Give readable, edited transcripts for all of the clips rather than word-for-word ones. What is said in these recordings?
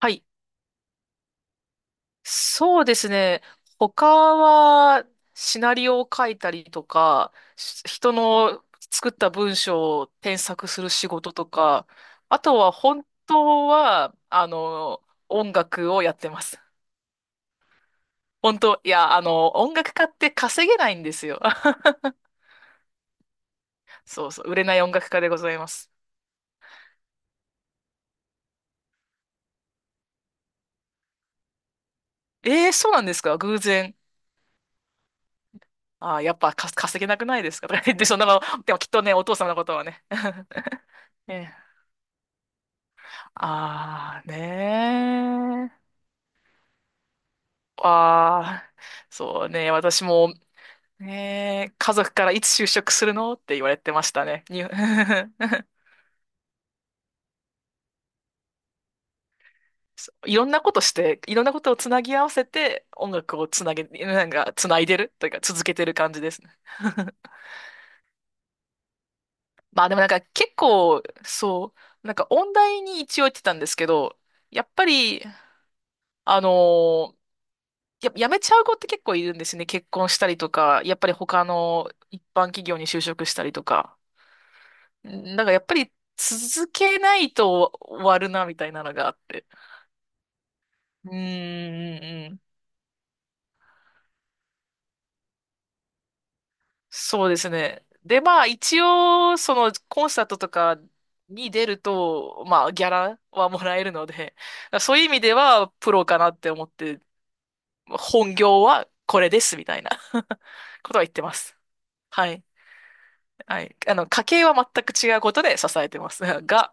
はい。そうですね。他は、シナリオを書いたりとか、し人の作った文章を添削する仕事とか、あとは本当は、音楽をやってます。本当、いや、音楽家って稼げないんですよ。そうそう、売れない音楽家でございます。えー、そうなんですか？偶然。あー、やっぱか稼げなくないですかとか言って そんなの、でもきっとね、お父様のことはね。ええ、ああねー。ああ、そうね。私も、ねー、家族からいつ就職するのって言われてましたね。に そういろんなことして、いろんなことをつなぎ合わせて、音楽をつなげ、なんか、つないでるというか、続けてる感じですね。まあでもなんか結構、そう、なんか音大に一応行ってたんですけど、やっぱり、あのーやっぱ辞めちゃう子って結構いるんですね。結婚したりとか、やっぱり他の一般企業に就職したりとか。んなんかやっぱり続けないと終わるな、みたいなのがあって。うーん、うんうん、そうですね。で、まあ一応、そのコンサートとかに出ると、まあギャラはもらえるので、そういう意味ではプロかなって思って、本業はこれです、みたいな ことは言ってます。はい。はい。家計は全く違うことで支えてます。が、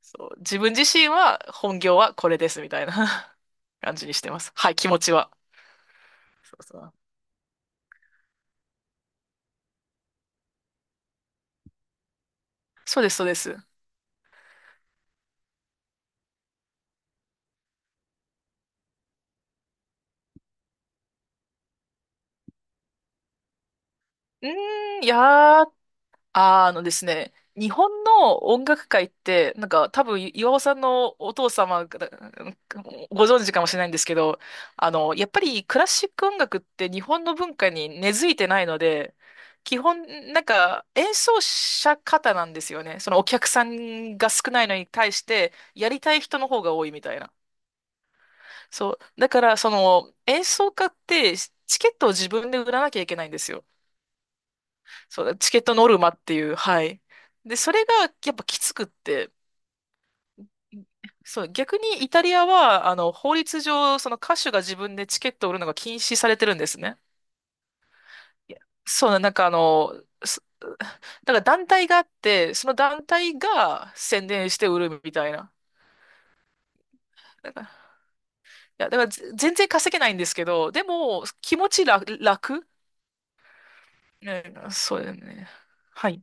そう、自分自身は本業はこれですみたいな 感じにしてます。はい、気持ちは。そうそう。そうです、そうです。うーん、いやー、あーですね、日本の音楽界って、なんか多分岩尾さんのお父様がご存知かもしれないんですけど、やっぱりクラシック音楽って日本の文化に根付いてないので、基本、なんか演奏者方なんですよね。そのお客さんが少ないのに対して、やりたい人の方が多いみたいな。そう。だから、その演奏家ってチケットを自分で売らなきゃいけないんですよ。そう、チケットノルマっていう、はい。で、それがやっぱきつくって、そう、逆にイタリアは、法律上、その歌手が自分でチケットを売るのが禁止されてるんですね。いや、そうな、だから団体があって、その団体が宣伝して売るみたいな。だから、いや、だからぜ全然稼げないんですけど、でも、気持ち楽、楽、うん、そうだよね。はい。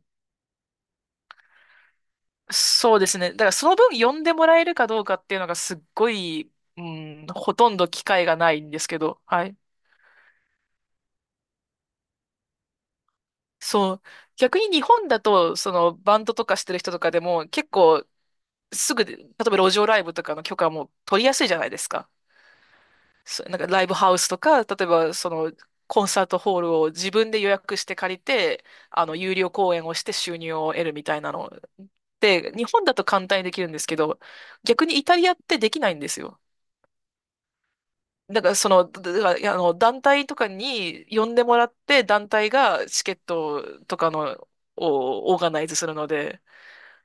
そうですね。だからその分呼んでもらえるかどうかっていうのがすっごい、うん、ほとんど機会がないんですけど、はい。そう。逆に日本だと、そのバンドとかしてる人とかでも結構すぐで、例えば路上ライブとかの許可も取りやすいじゃないですか。そうなんかライブハウスとか、例えばそのコンサートホールを自分で予約して借りて、有料公演をして収入を得るみたいなの。で、日本だと簡単にできるんですけど、逆にイタリアってできないんですよ。だからその、だから団体とかに呼んでもらって、団体がチケットとかの、をオーガナイズするので、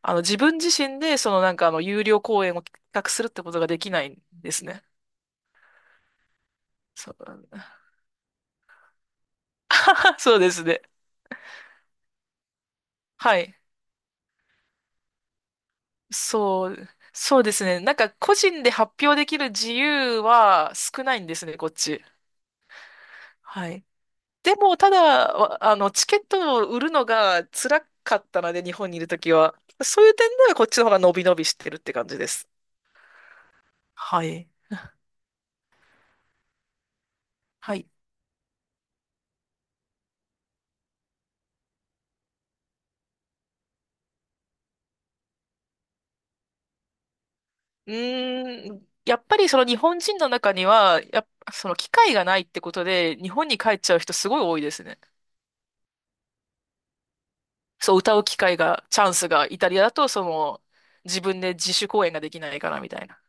自分自身で、有料公演を企画するってことができないんですね。そう、そうですね。はい。そう、そうですね。なんか個人で発表できる自由は少ないんですね、こっち。はい。でも、ただ、チケットを売るのが辛かったので、日本にいるときは。そういう点ではこっちの方が伸び伸びしてるって感じです。はい。はい。うーん、やっぱりその日本人の中には、やっぱその機会がないってことで、日本に帰っちゃう人すごい多いですね。そう、歌う機会が、チャンスが、イタリアだと、その、自分で自主公演ができないからみたいな。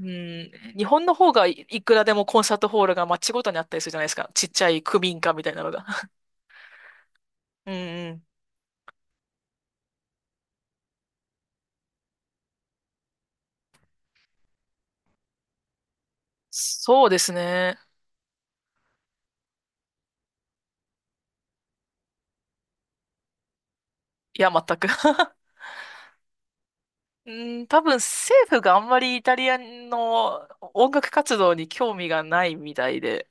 うん、日本の方がい、いくらでもコンサートホールが街ごとにあったりするじゃないですか。ちっちゃい区民館みたいなのが。うんうん、そうですね。いや、全く。うん、多分政府があんまりイタリアの音楽活動に興味がないみたいで、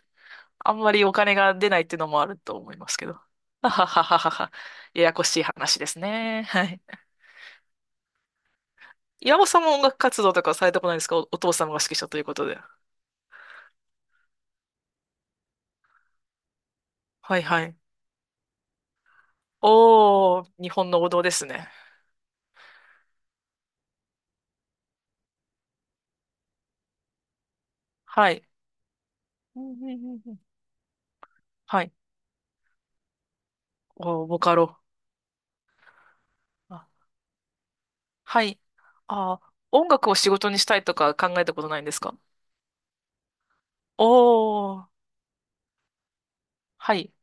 あんまりお金が出ないっていうのもあると思いますけど。はははははは。ややこしい話ですね。はい。岩尾さんも音楽活動とかされたことないですか？お、お父様が指揮者ということで。はいはい。おー、日本の王道ですね。はい。うんうんうんうん、はい。おー、ボカロ。はい。あー、音楽を仕事にしたいとか考えたことないんですか？おー、はい。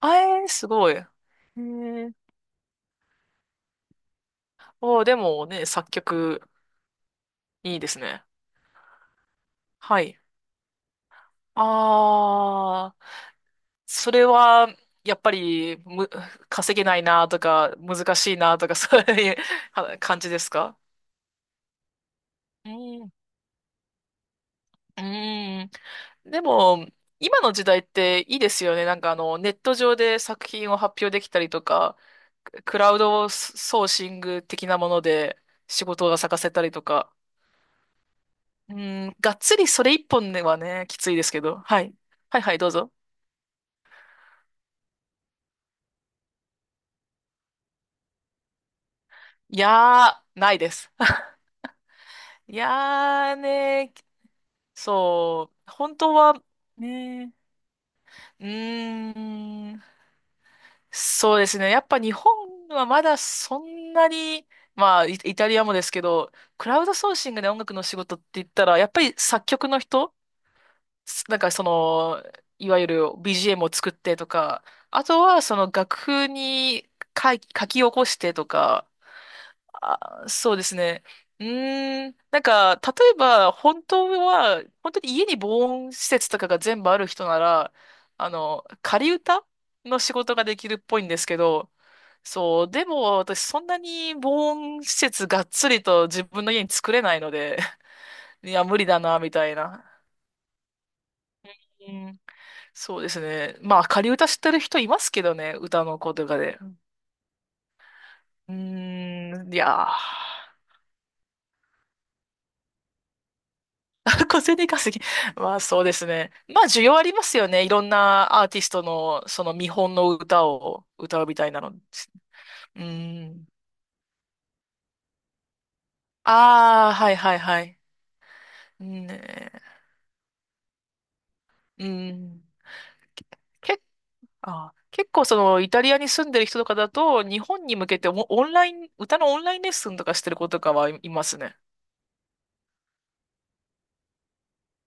あえー、すごい。へー。おー、でもね、作曲、いいですね。はい。あー、それは、やっぱり、む、稼げないなとか、難しいなとか、そういうは 感じですか？うん。うーん。でも、今の時代っていいですよね。ネット上で作品を発表できたりとか、クラウドソーシング的なもので仕事が咲かせたりとか。うん、がっつりそれ一本ではね、きついですけど。はい。はいはい、どうぞ。いやー、ないです。いやーね、そう、本当は、ね、うーん、そうですね。やっぱ日本はまだそんなに、まあ、イイタリアもですけど、クラウドソーシングで音楽の仕事って言ったら、やっぱり作曲の人すなんかその、いわゆる BGM を作ってとか、あとはその楽譜に書い書き起こしてとか、あ、そうですね。うーん、なんか、例えば、本当は、本当に家に防音施設とかが全部ある人なら、仮歌の仕事ができるっぽいんですけど、そう、でも私そんなに防音施設がっつりと自分の家に作れないので、いや、無理だな、みたいな。そうですね。まあ、仮歌知ってる人いますけどね、歌の子とかで。うん、ーんいやー、小銭稼ぎ。まあ、そうですね。まあ、需要ありますよね。いろんなアーティストの、その見本の歌を歌うみたいなの。うーん。ああ、はいはいはい。ねえ、うん。け、あ、結構そのイタリアに住んでる人とかだと、日本に向けてオンオンライン、歌のオンラインレッスンとかしてる子とかはいいますね。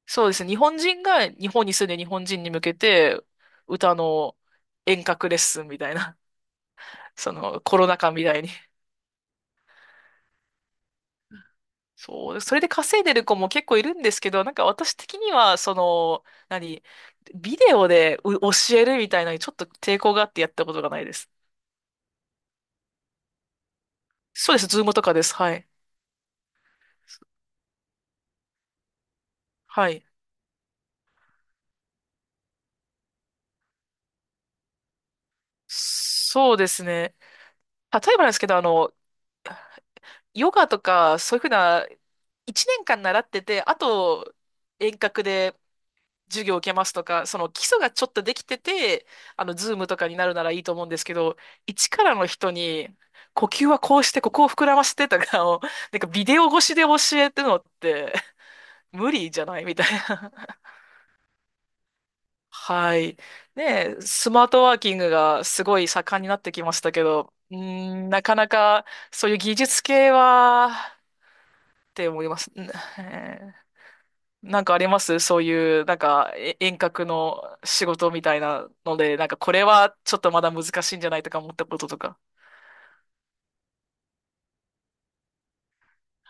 そうですね。日本人が日本に住んで日本人に向けて歌の遠隔レッスンみたいな、そのコロナ禍みたいに。そう、それで稼いでる子も結構いるんですけど、なんか私的には、その、何、ビデオでう教えるみたいなのにちょっと抵抗があってやったことがないです。そうです。ズームとかです。はい。はい。そうですね。例えばなんですけど、ヨガとか、そういうふうな、1年間習ってて、あと、遠隔で授業を受けますとか、その基礎がちょっとできてて、ズームとかになるならいいと思うんですけど、一からの人に、呼吸はこうして、ここを膨らましてとかを、なんかビデオ越しで教えてるのって、無理じゃないみたいな。はい。ねえ、スマートワーキングがすごい盛んになってきましたけど、うーん、なかなかそういう技術系は、って思います。うん、えー、なんかありますそういう、なんか、え遠隔の仕事みたいなので、なんかこれはちょっとまだ難しいんじゃないとか思ったこととか。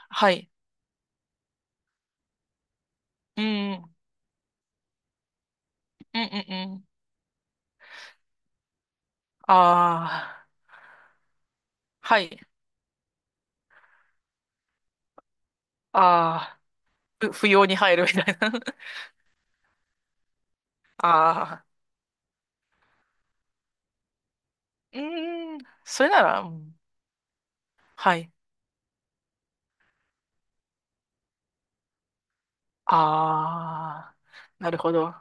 はい。うん。うんうんうん。ああ。はい。ああ。ふ不要に入るみたいな。ああ。うーん。それなら、うん、はい。ああ。なるほど。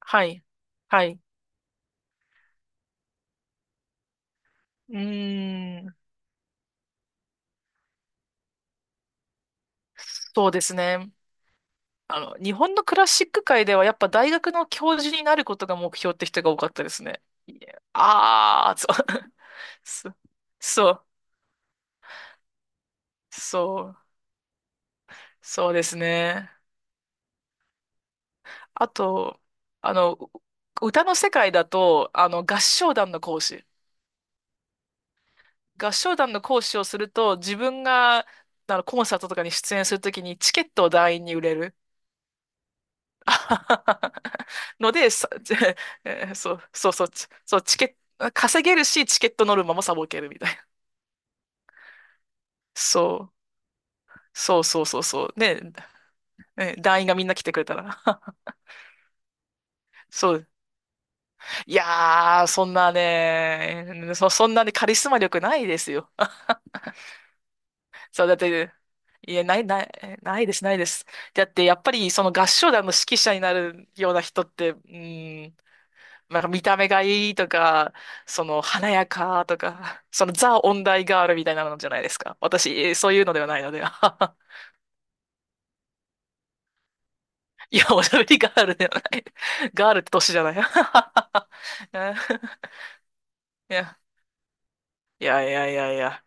はい。はい。うーん。そうですね。日本のクラシック界ではやっぱ大学の教授になることが目標って人が多かったですね。いやああ、そう、そ、そう、そう、そうですね。あと、あの、う歌の世界だと、合唱団の講師。合唱団の講師をすると、自分が、コンサートとかに出演するときにチケットを団員に売れる。あはははので、さ、えーそう、そうそう、ちそう、チケット、稼げるし、チケットノルマもサボけるみたいな。そう、そうそうそうそう。ね、ね、団員がみんな来てくれたら。そう。いやー、そんなね、そ、そんなね、カリスマ力ないですよ。そう、だって、いや、ない、ない、ないです、ないです。だって、やっぱり、その合唱団の指揮者になるような人って、うん、なんか見た目がいいとか、その華やかとか、そのザ・音大ガールみたいなのじゃないですか。私、そういうのではないので。いや、おしゃべりガールではない。ガールって年じゃない。いや、いやいやいやいや。